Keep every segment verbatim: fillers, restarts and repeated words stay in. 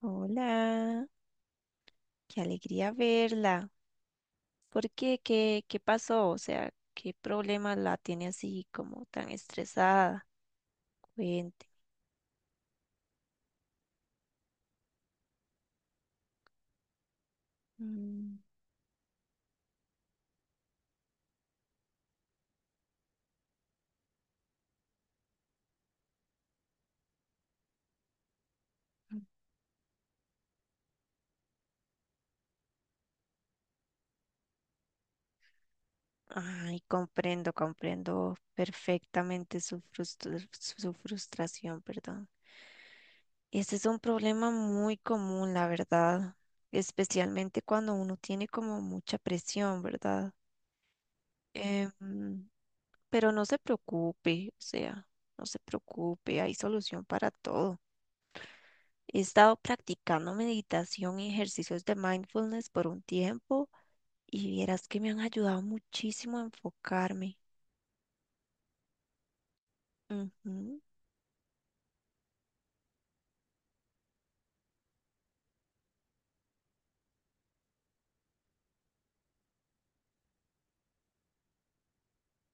Hola, qué alegría verla. ¿Por qué? ¿Qué, qué pasó? O sea, ¿qué problema la tiene así como tan estresada? Cuente. Mm. Ay, comprendo, comprendo perfectamente su frustr- su frustración, perdón. Este es un problema muy común, la verdad, especialmente cuando uno tiene como mucha presión, ¿verdad? Em, pero no se preocupe, o sea, no se preocupe, hay solución para todo. He estado practicando meditación y ejercicios de mindfulness por un tiempo y vieras que me han ayudado muchísimo a enfocarme. Ujú.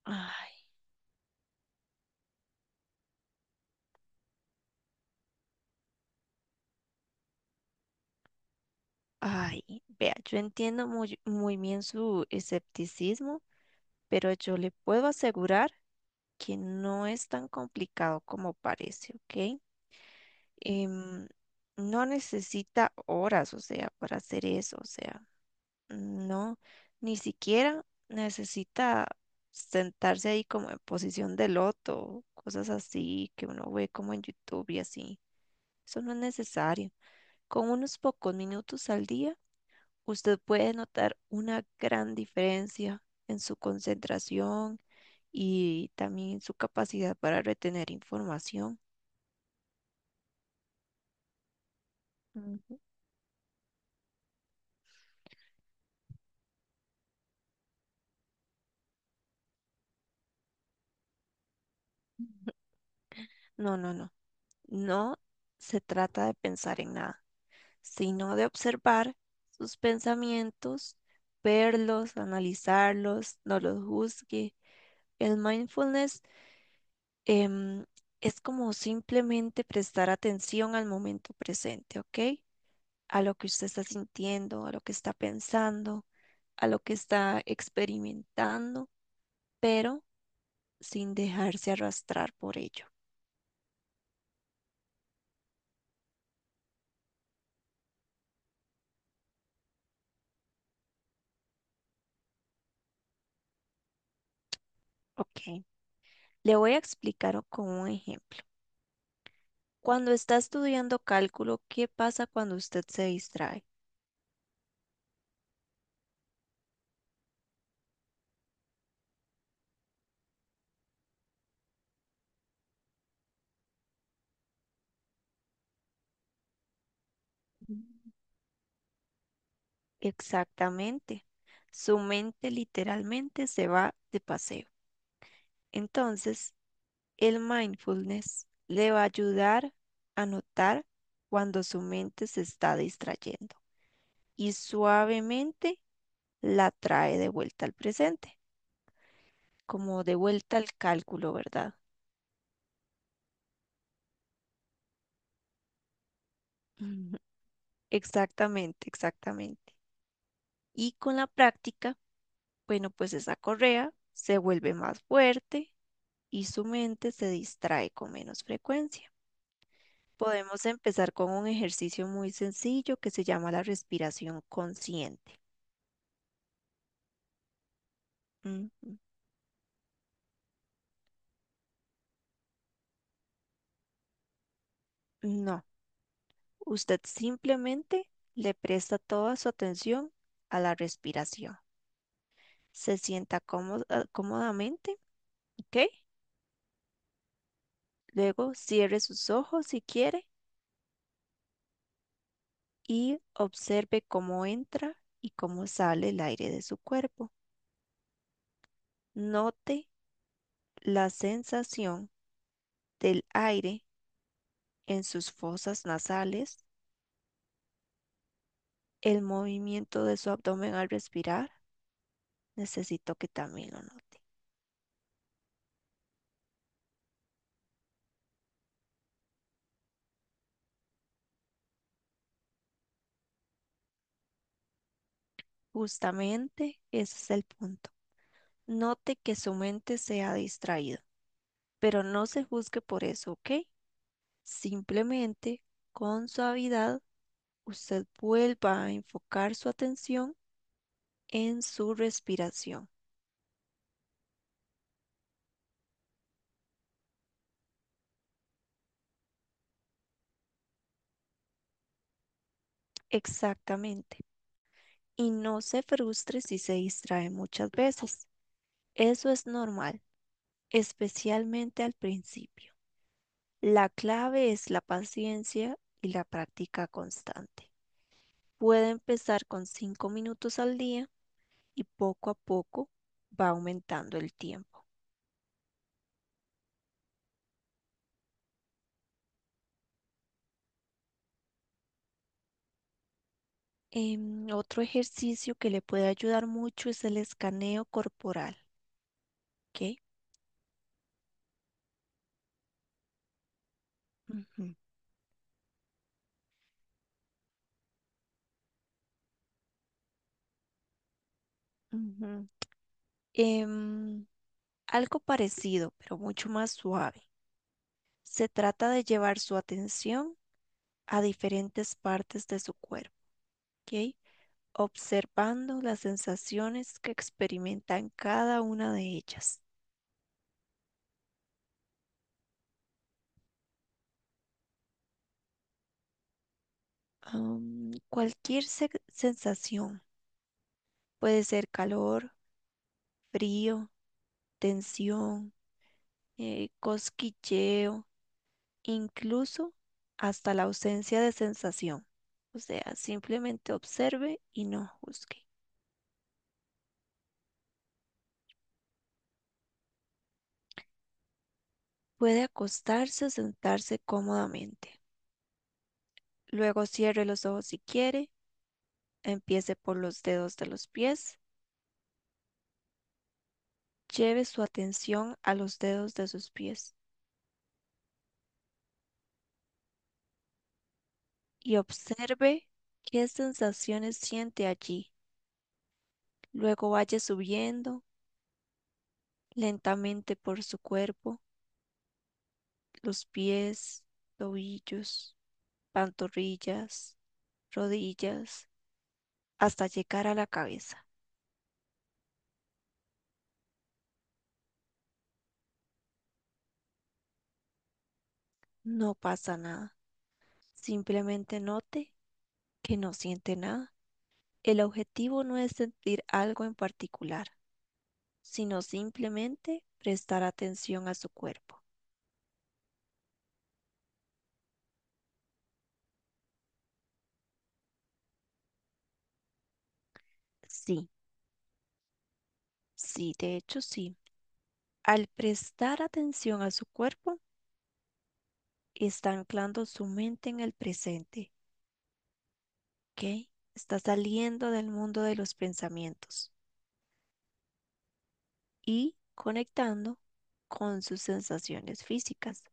Ay, ay, vea, yo entiendo muy, muy bien su escepticismo, pero yo le puedo asegurar que no es tan complicado como parece, ¿ok? Em, no necesita horas, o sea, para hacer eso, o sea. No, ni siquiera necesita sentarse ahí como en posición de loto, cosas así que uno ve como en YouTube y así. Eso no es necesario. Con unos pocos minutos al día, usted puede notar una gran diferencia en su concentración y también en su capacidad para retener información. Ujú. No, no, no. No se trata de pensar en nada, sino de observar sus pensamientos, verlos, analizarlos, no los juzgue. El mindfulness em, es como simplemente prestar atención al momento presente, ¿ok? A lo que usted está sintiendo, a lo que está pensando, a lo que está experimentando, pero sin dejarse arrastrar por ello, ¿ok? Le voy a explicar con un ejemplo. Cuando está estudiando cálculo, ¿qué pasa cuando usted se distrae? Exactamente. Su mente literalmente se va de paseo. Entonces, el mindfulness le va a ayudar a notar cuando su mente se está distrayendo y suavemente la trae de vuelta al presente, como de vuelta al cálculo, ¿verdad? Ujú. Exactamente, exactamente. Y con la práctica, bueno, pues esa correa se vuelve más fuerte y su mente se distrae con menos frecuencia. Podemos empezar con un ejercicio muy sencillo que se llama la respiración consciente. Ujú. No, usted simplemente le presta toda su atención a la respiración. Se sienta cómoda- cómodamente, ¿ok? Luego cierre sus ojos si quiere y observe cómo entra y cómo sale el aire de su cuerpo. Note la sensación del aire en sus fosas nasales, el movimiento de su abdomen al respirar. Necesito que también lo note. Justamente ese es el punto. Note que su mente se ha distraído, pero no se juzgue por eso, ¿ok? Simplemente con suavidad usted vuelva a enfocar su atención en su respiración. Exactamente. Y no se frustre si se distrae muchas veces. Eso es normal, especialmente al principio. La clave es la paciencia y la práctica constante. Puede empezar con cinco minutos al día y poco a poco va aumentando el tiempo. Em, otro ejercicio que le puede ayudar mucho es el escaneo corporal, ¿ok? Ujú. Ujú. Em, Algo parecido, pero mucho más suave. Se trata de llevar su atención a diferentes partes de su cuerpo, ¿ok? Observando las sensaciones que experimentan cada una de ellas. Am, cualquier se- sensación, puede ser calor, frío, tensión, eh, cosquilleo, incluso hasta la ausencia de sensación. O sea, simplemente observe y no juzgue. Puede acostarse o sentarse cómodamente. Luego cierre los ojos si quiere, empiece por los dedos de los pies, lleve su atención a los dedos de sus pies y observe qué sensaciones siente allí. Luego vaya subiendo lentamente por su cuerpo, los pies, tobillos, pantorrillas, rodillas, hasta llegar a la cabeza. No pasa nada. Simplemente note que no siente nada. El objetivo no es sentir algo en particular, sino simplemente prestar atención a su cuerpo. Sí, sí, de hecho sí. Al prestar atención a su cuerpo, está anclando su mente en el presente, ¿ok? Está saliendo del mundo de los pensamientos y conectando con sus sensaciones físicas.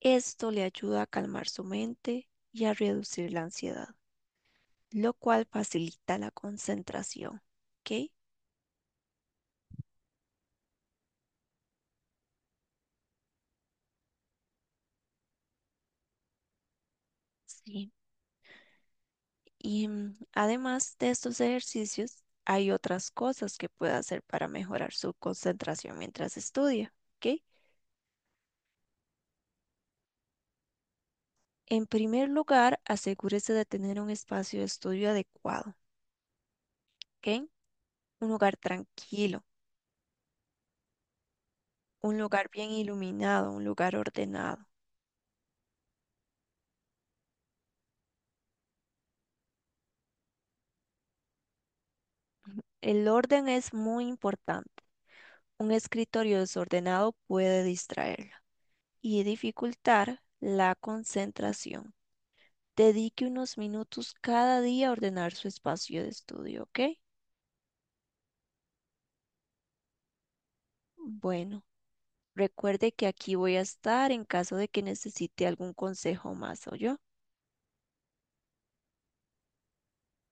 Esto le ayuda a calmar su mente y a reducir la ansiedad, lo cual facilita la concentración, ¿ok? Sí, y mm, además de estos ejercicios, hay otras cosas que puede hacer para mejorar su concentración mientras estudia, ¿ok? En primer lugar, asegúrese de tener un espacio de estudio adecuado, ¿ok? Un lugar tranquilo, un lugar bien iluminado, un lugar ordenado. El orden es muy importante. Un escritorio desordenado puede distraerla y dificultar la concentración. Dedique unos minutos cada día a ordenar su espacio de estudio, ¿ok? Bueno, recuerde que aquí voy a estar en caso de que necesite algún consejo más, yo.